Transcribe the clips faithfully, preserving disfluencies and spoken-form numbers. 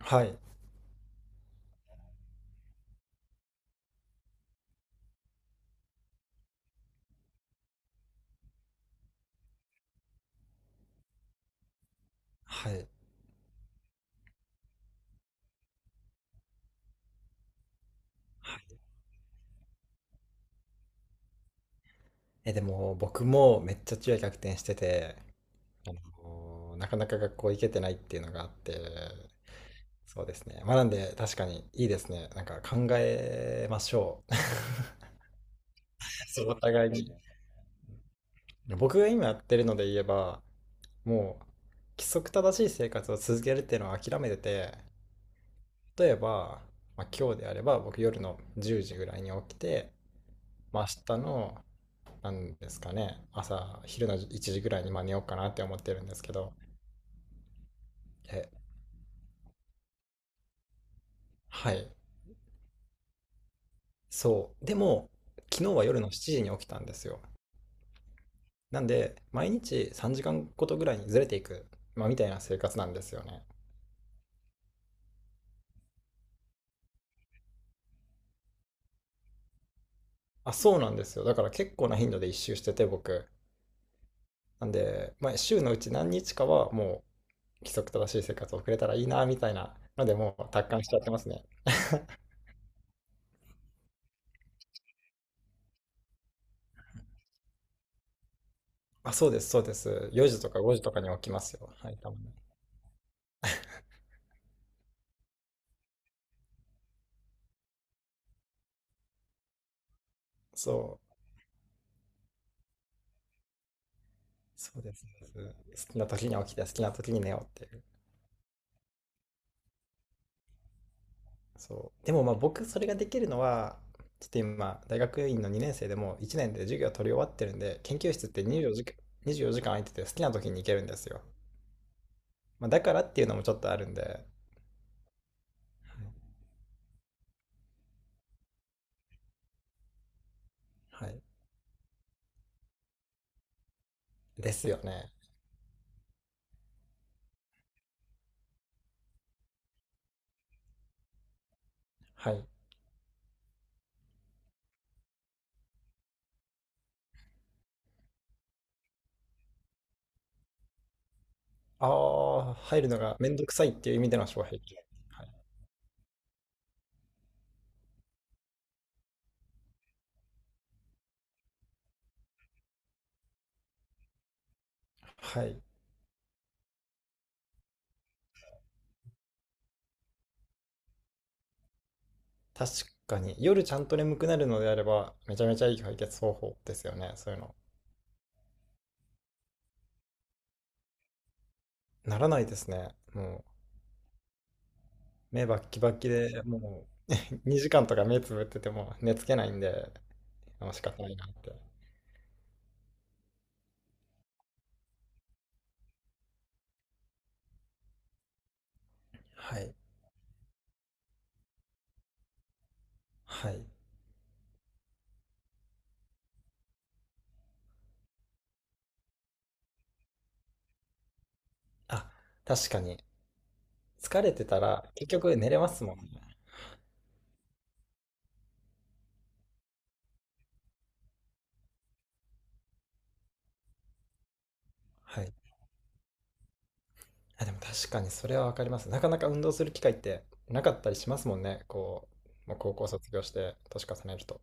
はい。はい。はい。え、でも僕もめっちゃ昼夜逆転してて、あのーなかなか学校行けてないっていうのがあって、そうですね。まあなんで確かにいいですね。なんか考えましょう。そう、お互いに。僕が今やってるので言えば、もう規則正しい生活を続けるっていうのを諦めてて、例えば、まあ、今日であれば僕夜のじゅうじぐらいに起きて、まあ、明日のなんですかね。朝、昼のいちじぐらいにまあ寝ようかなって思ってるんですけど。え、はい。そう。でも、昨日は夜のしちじに起きたんですよ。なんで、毎日さんじかんごとぐらいにずれていく、まあ、みたいな生活なんですよね。あ、そうなんですよ。だから結構な頻度で一周してて、僕。なんで、まあ、週のうち何日かはもう規則正しい生活を送れたらいいな、みたいなので、もう達観しちゃってますね。あ、そうです、そうです。よじとかごじとかに起きますよ。はい、たまに。そう。そうですね。そうです。好きな時に起きて、好きな時に寝ようっていう。そう。でもまあ僕、それができるのは、ちょっと今、大学院のにねん生でもいちねんで授業取り終わってるんで、研究室ってにじゅうよじかん、にじゅうよじかん空いてて好きな時に行けるんですよ。まあだからっていうのもちょっとあるんで、はい。ですよね。はい。ああ、入るのがめんどくさいっていう意味での障壁。はい。はい。確かに、夜ちゃんと眠くなるのであれば、めちゃめちゃいい解決方法ですよね、そういうの。ならないですね。もう、目バッキバキでもう にじかんとか目つぶってても寝つけないんで、あ、仕方ないなって。はい。はい。あ、確かに。疲れてたら結局寝れますもんね。はい。あ、でも確かにそれはわかります。なかなか運動する機会ってなかったりしますもんね。こう、もう高校卒業して年重ねると。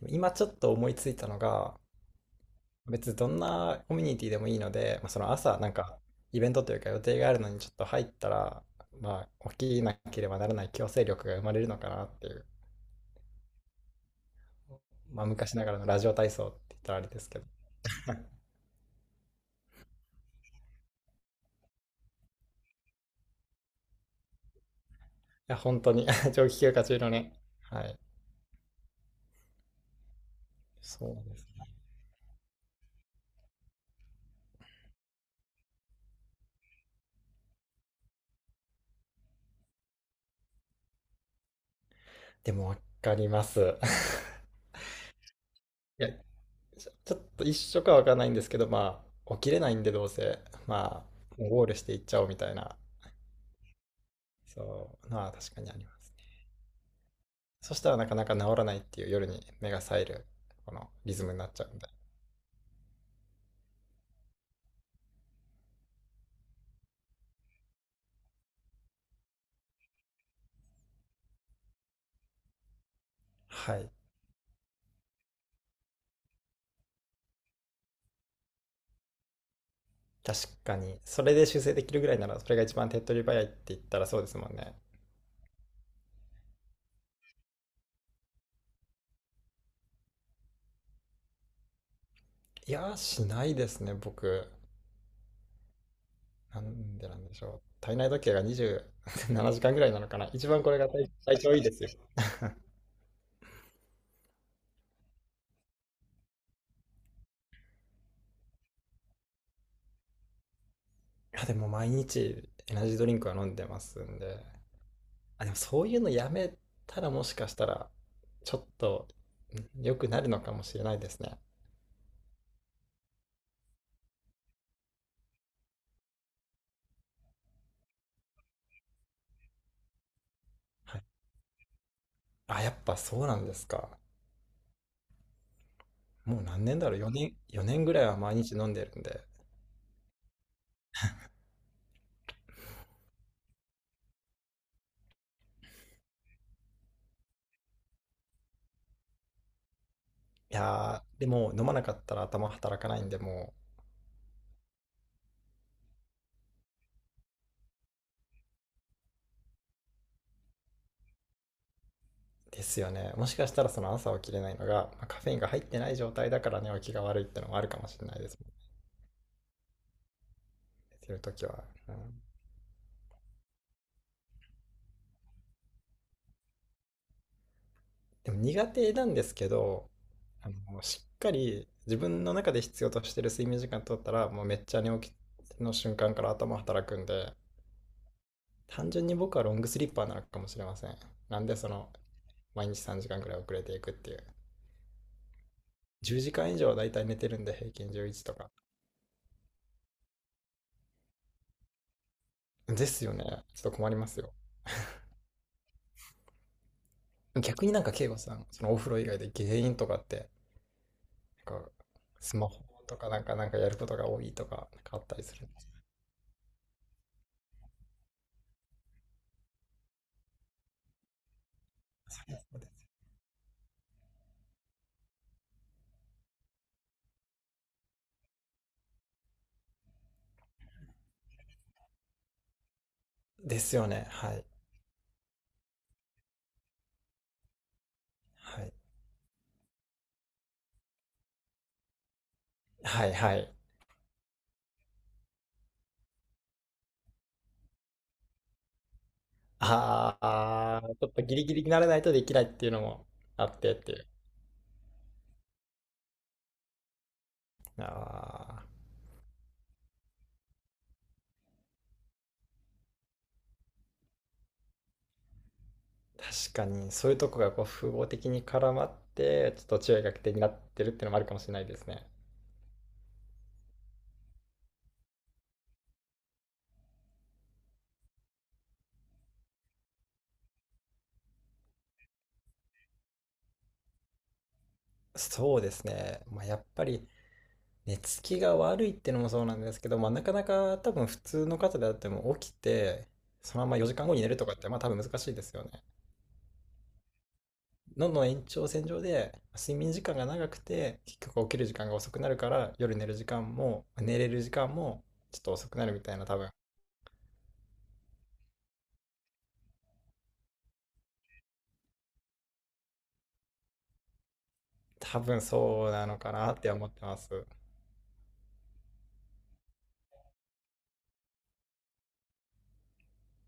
でも今ちょっと思いついたのが、別にどんなコミュニティでもいいので、まあ、その朝なんかイベントというか予定があるのにちょっと入ったら、まあ、起きなければならない強制力が生まれるのかなっていう、まあ、昔ながらのラジオ体操って言ったらあれですけど、いや本当に 長期休暇中のね。はい。そうですね。でも分かります。 いや、ちょちょっと一緒か分かんないんですけど、まあ起きれないんでどうせ、まあもうゴールしていっちゃおうみたいな。そう、まあ確かにあります。そしたらなかなか治らないっていう、夜に目が冴えるこのリズムになっちゃうんで。はい。確かに。それで修正できるぐらいなら、それが一番手っ取り早いって言ったらそうですもんね。いやー、しないですね、僕。なんで、なんでしょう。体内時計がにじゅうななじかんぐらいなのかな。一番これが体体調いいですよ。いや、でも毎日エナジードリンクは飲んでますんで。あ、でもそういうのやめたらもしかしたら、ちょっとん良くなるのかもしれないですね。はい。あ、やっぱそうなんですか。もう何年だろう、よねん、よねんぐらいは毎日飲んでるんで。いやー、でも飲まなかったら頭働かないんで、もう。ですよね。もしかしたらその朝起きれないのが、まあ、カフェインが入ってない状態だから寝起きが悪いってのもあるかもしれないですもんね。寝てるときは。うん、でも苦手なんですけど、あの、しっかり自分の中で必要としてる睡眠時間取ったら、もうめっちゃ寝起きの瞬間から頭働くんで、単純に僕はロングスリッパーなのかもしれません。なんでその、毎日さんじかんぐらい遅れていくっていう。じゅうじかん以上はだいたい寝てるんで、平均じゅういちとか。ですよね。ちょっと困りますよ。逆になんか、慶吾さん、そのお風呂以外で原因とかって、なんか、スマホとかなんか、なんかやることが多いとか、なんかあったりするんですか？ですよね。はい。はい。はいはい。ああ、ちょっとギリギリにならないとできないっていうのもあってっていう。ああ、確かにそういうとこがこう複合的に絡まって、ちょっと注意が欠点になってるっていうのもあるかもしれないですね。そうですね。まあ、やっぱり寝つきが悪いってのもそうなんですけど、まあ、なかなか多分普通の方であっても起きて、そのままよじかんごに寝るとかってまあ多分難しいですよね。どんどん延長線上で睡眠時間が長くて結局起きる時間が遅くなるから夜寝る時間も寝れる時間もちょっと遅くなるみたいな。多分多分そうなのかなって思ってます。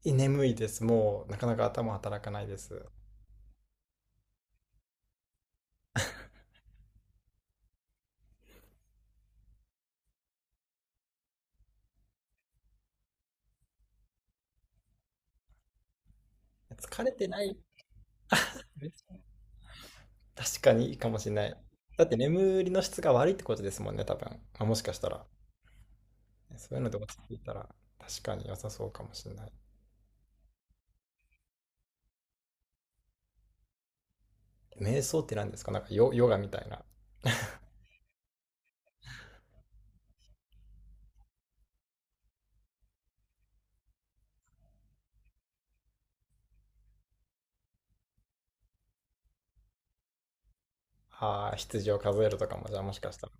眠いです。もうなかなか頭働かないです。疲れてない。確かにいいかもしれない。だって眠りの質が悪いってことですもんね、多分。まあ、もしかしたら。そういうので落ち着いたら確かに良さそうかもしれない。瞑想って何ですか？なんか、ヨ、ヨガみたいな。ああ、羊を数えるとかも、じゃあもしかしたら